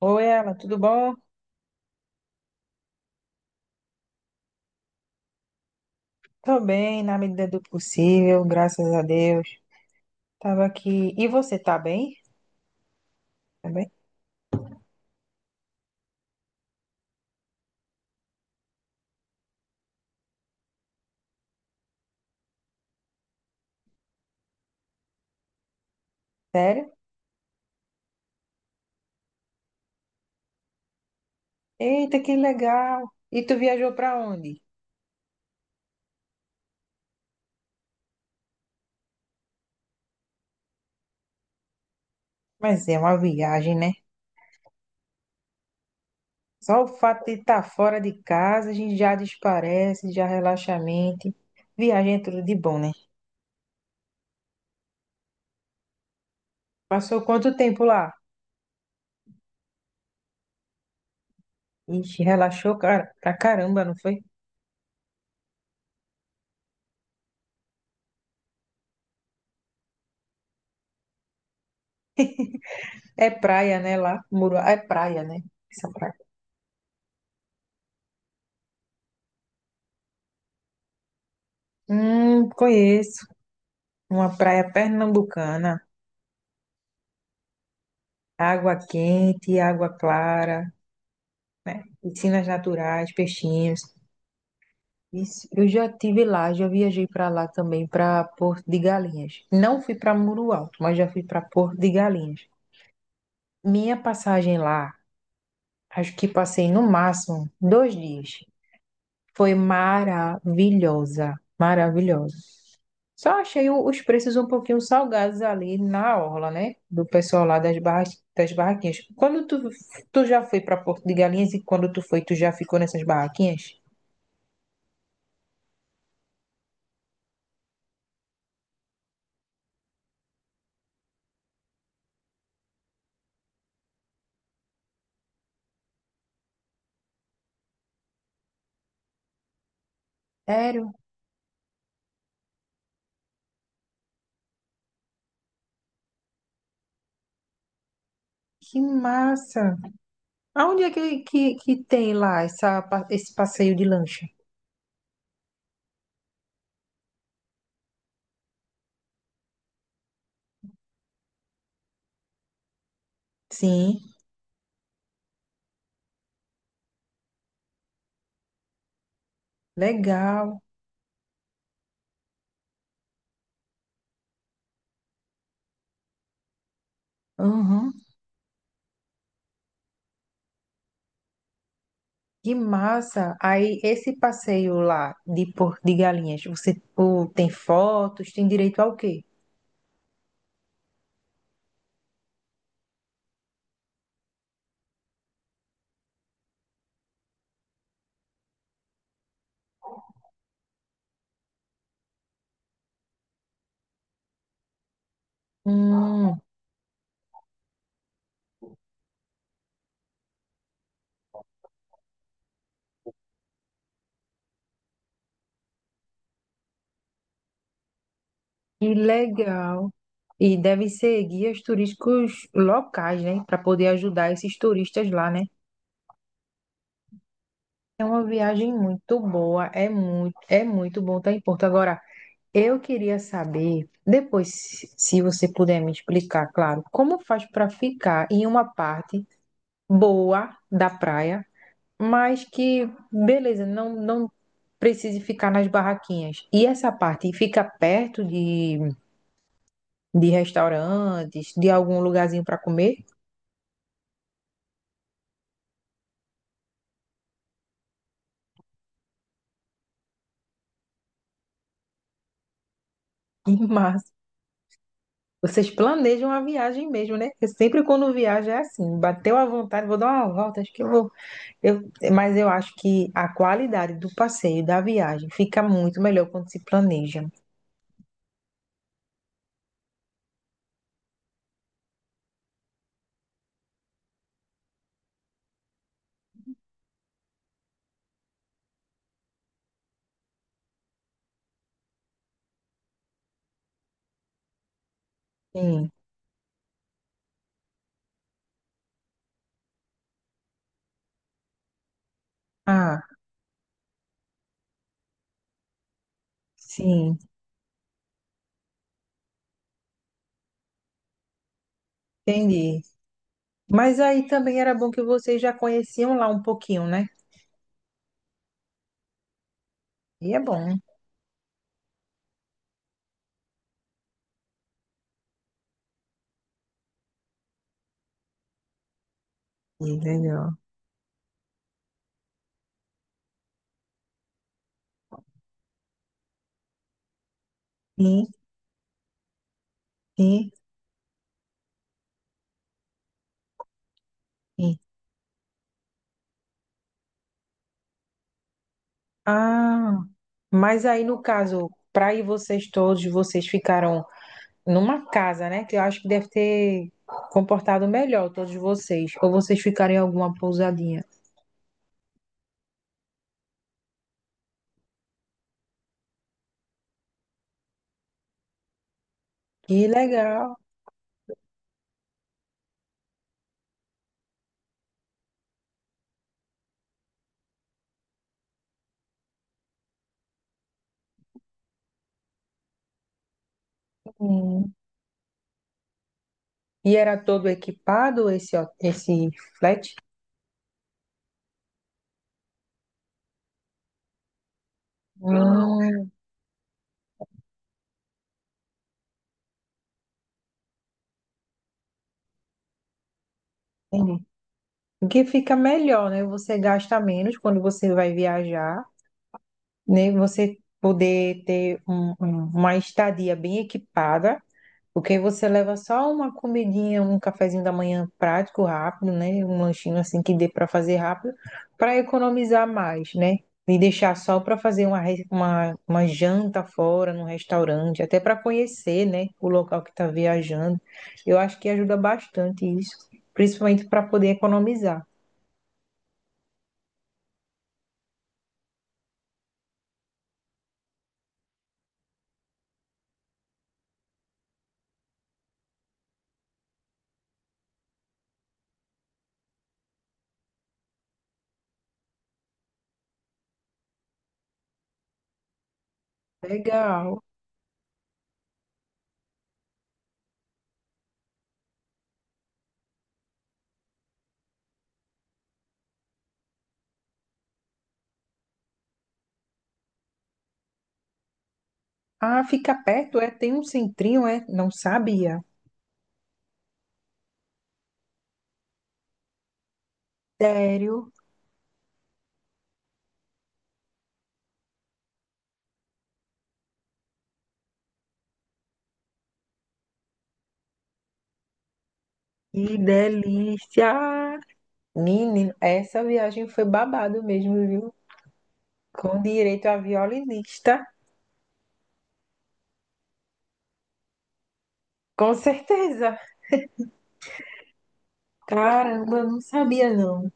Oi, Ela, tudo bom? Tô bem, na medida do possível, graças a Deus. Tava aqui. E você tá bem? Tá bem? Sério? Eita, que legal! E tu viajou pra onde? Mas é uma viagem, né? Só o fato de estar fora de casa, a gente já desparece, já relaxa a mente. Viagem é tudo de bom, né? Passou quanto tempo lá? Ixi, relaxou cara, pra caramba, não foi? É praia, né? Lá, Muro, é praia, né? Essa praia. Conheço. Uma praia pernambucana. Água quente, água clara, piscinas naturais, peixinhos. Isso, eu já tive lá, já viajei para lá também, para Porto de Galinhas. Não fui para Muro Alto, mas já fui para Porto de Galinhas. Minha passagem lá, acho que passei no máximo dois dias. Foi maravilhosa, maravilhosa. Só achei os preços um pouquinho salgados ali na orla, né? Do pessoal lá das barra, das barraquinhas. Quando tu, tu já foi para Porto de Galinhas e quando tu foi, tu já ficou nessas barraquinhas? Sério? Que massa! Aonde é que tem lá essa, esse passeio de lancha? Sim, legal. Uhum. Que massa! Aí, esse passeio lá de Porto de Galinhas, você pô, tem fotos, tem direito ao quê? Hum, Que legal. E devem ser guias turísticos locais, né? Para poder ajudar esses turistas lá, né? É uma viagem muito boa, é muito bom estar em Porto. Agora, eu queria saber, depois, se você puder me explicar, claro, como faz para ficar em uma parte boa da praia, mas que, beleza, não precise ficar nas barraquinhas. E essa parte fica perto de restaurantes, de algum lugarzinho para comer? Mas vocês planejam a viagem mesmo, né? Porque sempre quando viaja é assim, bateu à vontade, vou dar uma volta, acho que eu vou. Eu, mas eu acho que a qualidade do passeio, da viagem, fica muito melhor quando se planeja. Sim. Ah, sim, entendi. Mas aí também era bom que vocês já conheciam lá um pouquinho, né? E é bom. E legal. Sim, sim, sim. Ah, mas aí no caso, para ir vocês todos, vocês ficaram numa casa, né? Que eu acho que deve ter comportado melhor todos vocês. Ou vocês ficarem em alguma pousadinha. Que legal. Hum. E era todo equipado esse flat? Hum, entendi. O que fica melhor, né? Você gasta menos quando você vai viajar, né? Você poder ter uma estadia bem equipada. Porque você leva só uma comidinha, um cafezinho da manhã prático, rápido, né? Um lanchinho assim que dê para fazer rápido, para economizar mais, né? E deixar só para fazer uma janta fora, num restaurante, até para conhecer, né? O local que está viajando. Eu acho que ajuda bastante isso, principalmente para poder economizar. Legal. Ah, fica perto, é? Tem um centrinho, é? Não sabia. Sério? Que delícia! Menino, essa viagem foi babado mesmo, viu? Com direito a violinista, com certeza. Caramba, eu não sabia não.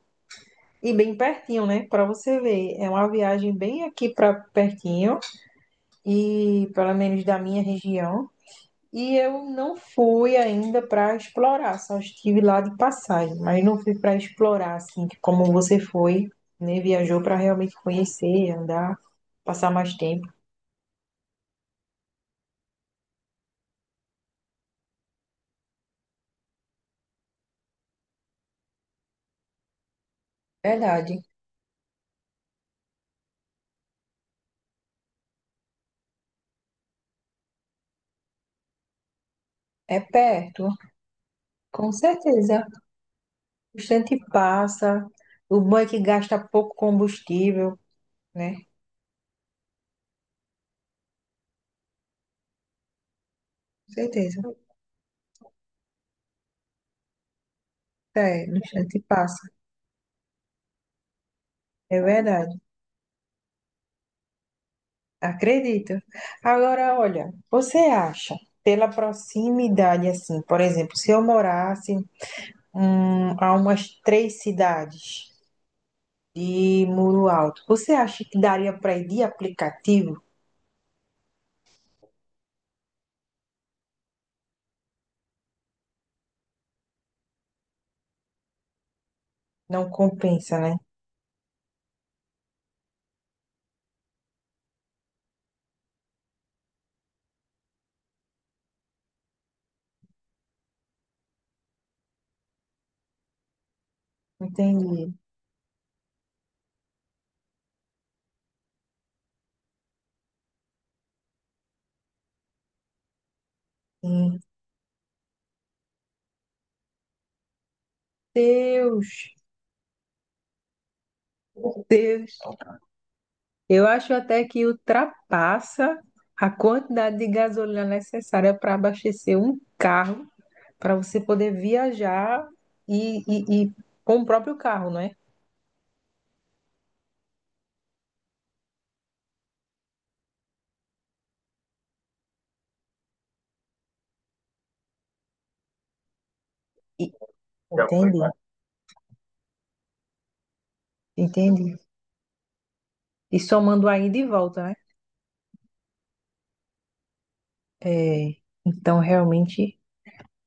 E bem pertinho, né? Pra você ver, é uma viagem bem aqui pra pertinho e pelo menos da minha região. E eu não fui ainda pra explorar, só estive lá de passagem, mas não fui pra explorar assim, como você foi, né? Viajou pra realmente conhecer, andar, passar mais tempo. Verdade. É perto. Com certeza. O instante passa. O bom é que gasta pouco combustível, né? Com certeza. É, no instante passa. É verdade. Acredito. Agora, olha, você acha, pela proximidade, assim, por exemplo, se eu morasse a umas três cidades de Muro Alto, você acha que daria para ir de aplicativo? Não compensa, né? Entendi. Hum, Deus, Deus. Eu acho até que ultrapassa a quantidade de gasolina necessária para abastecer um carro, para você poder viajar e com o próprio carro, não é? E- Já entendi, entendi. E somando aí de volta, né? É, então, realmente,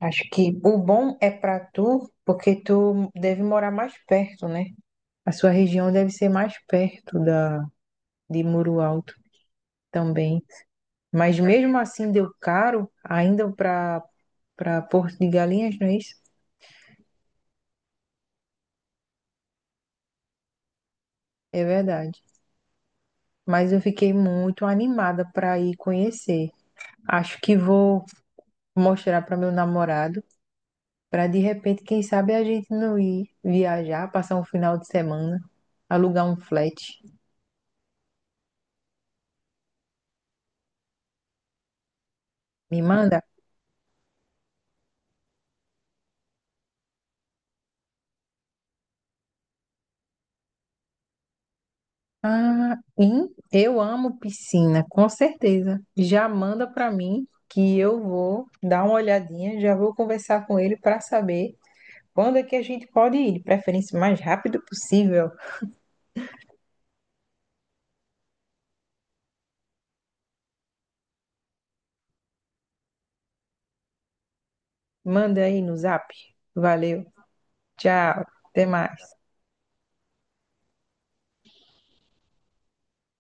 acho que o bom é para tu, porque tu deve morar mais perto, né? A sua região deve ser mais perto da, de Muro Alto também. Mas mesmo assim deu caro, ainda para Porto de Galinhas, não é isso? É verdade. Mas eu fiquei muito animada para ir conhecer. Acho que vou mostrar para meu namorado, para de repente, quem sabe a gente não ir viajar, passar um final de semana, alugar um flat. Me manda. Ah, eu amo piscina, com certeza. Já manda para mim que eu vou dar uma olhadinha, já vou conversar com ele para saber quando é que a gente pode ir, de preferência o mais rápido possível. Manda aí no zap. Valeu. Tchau. Até mais.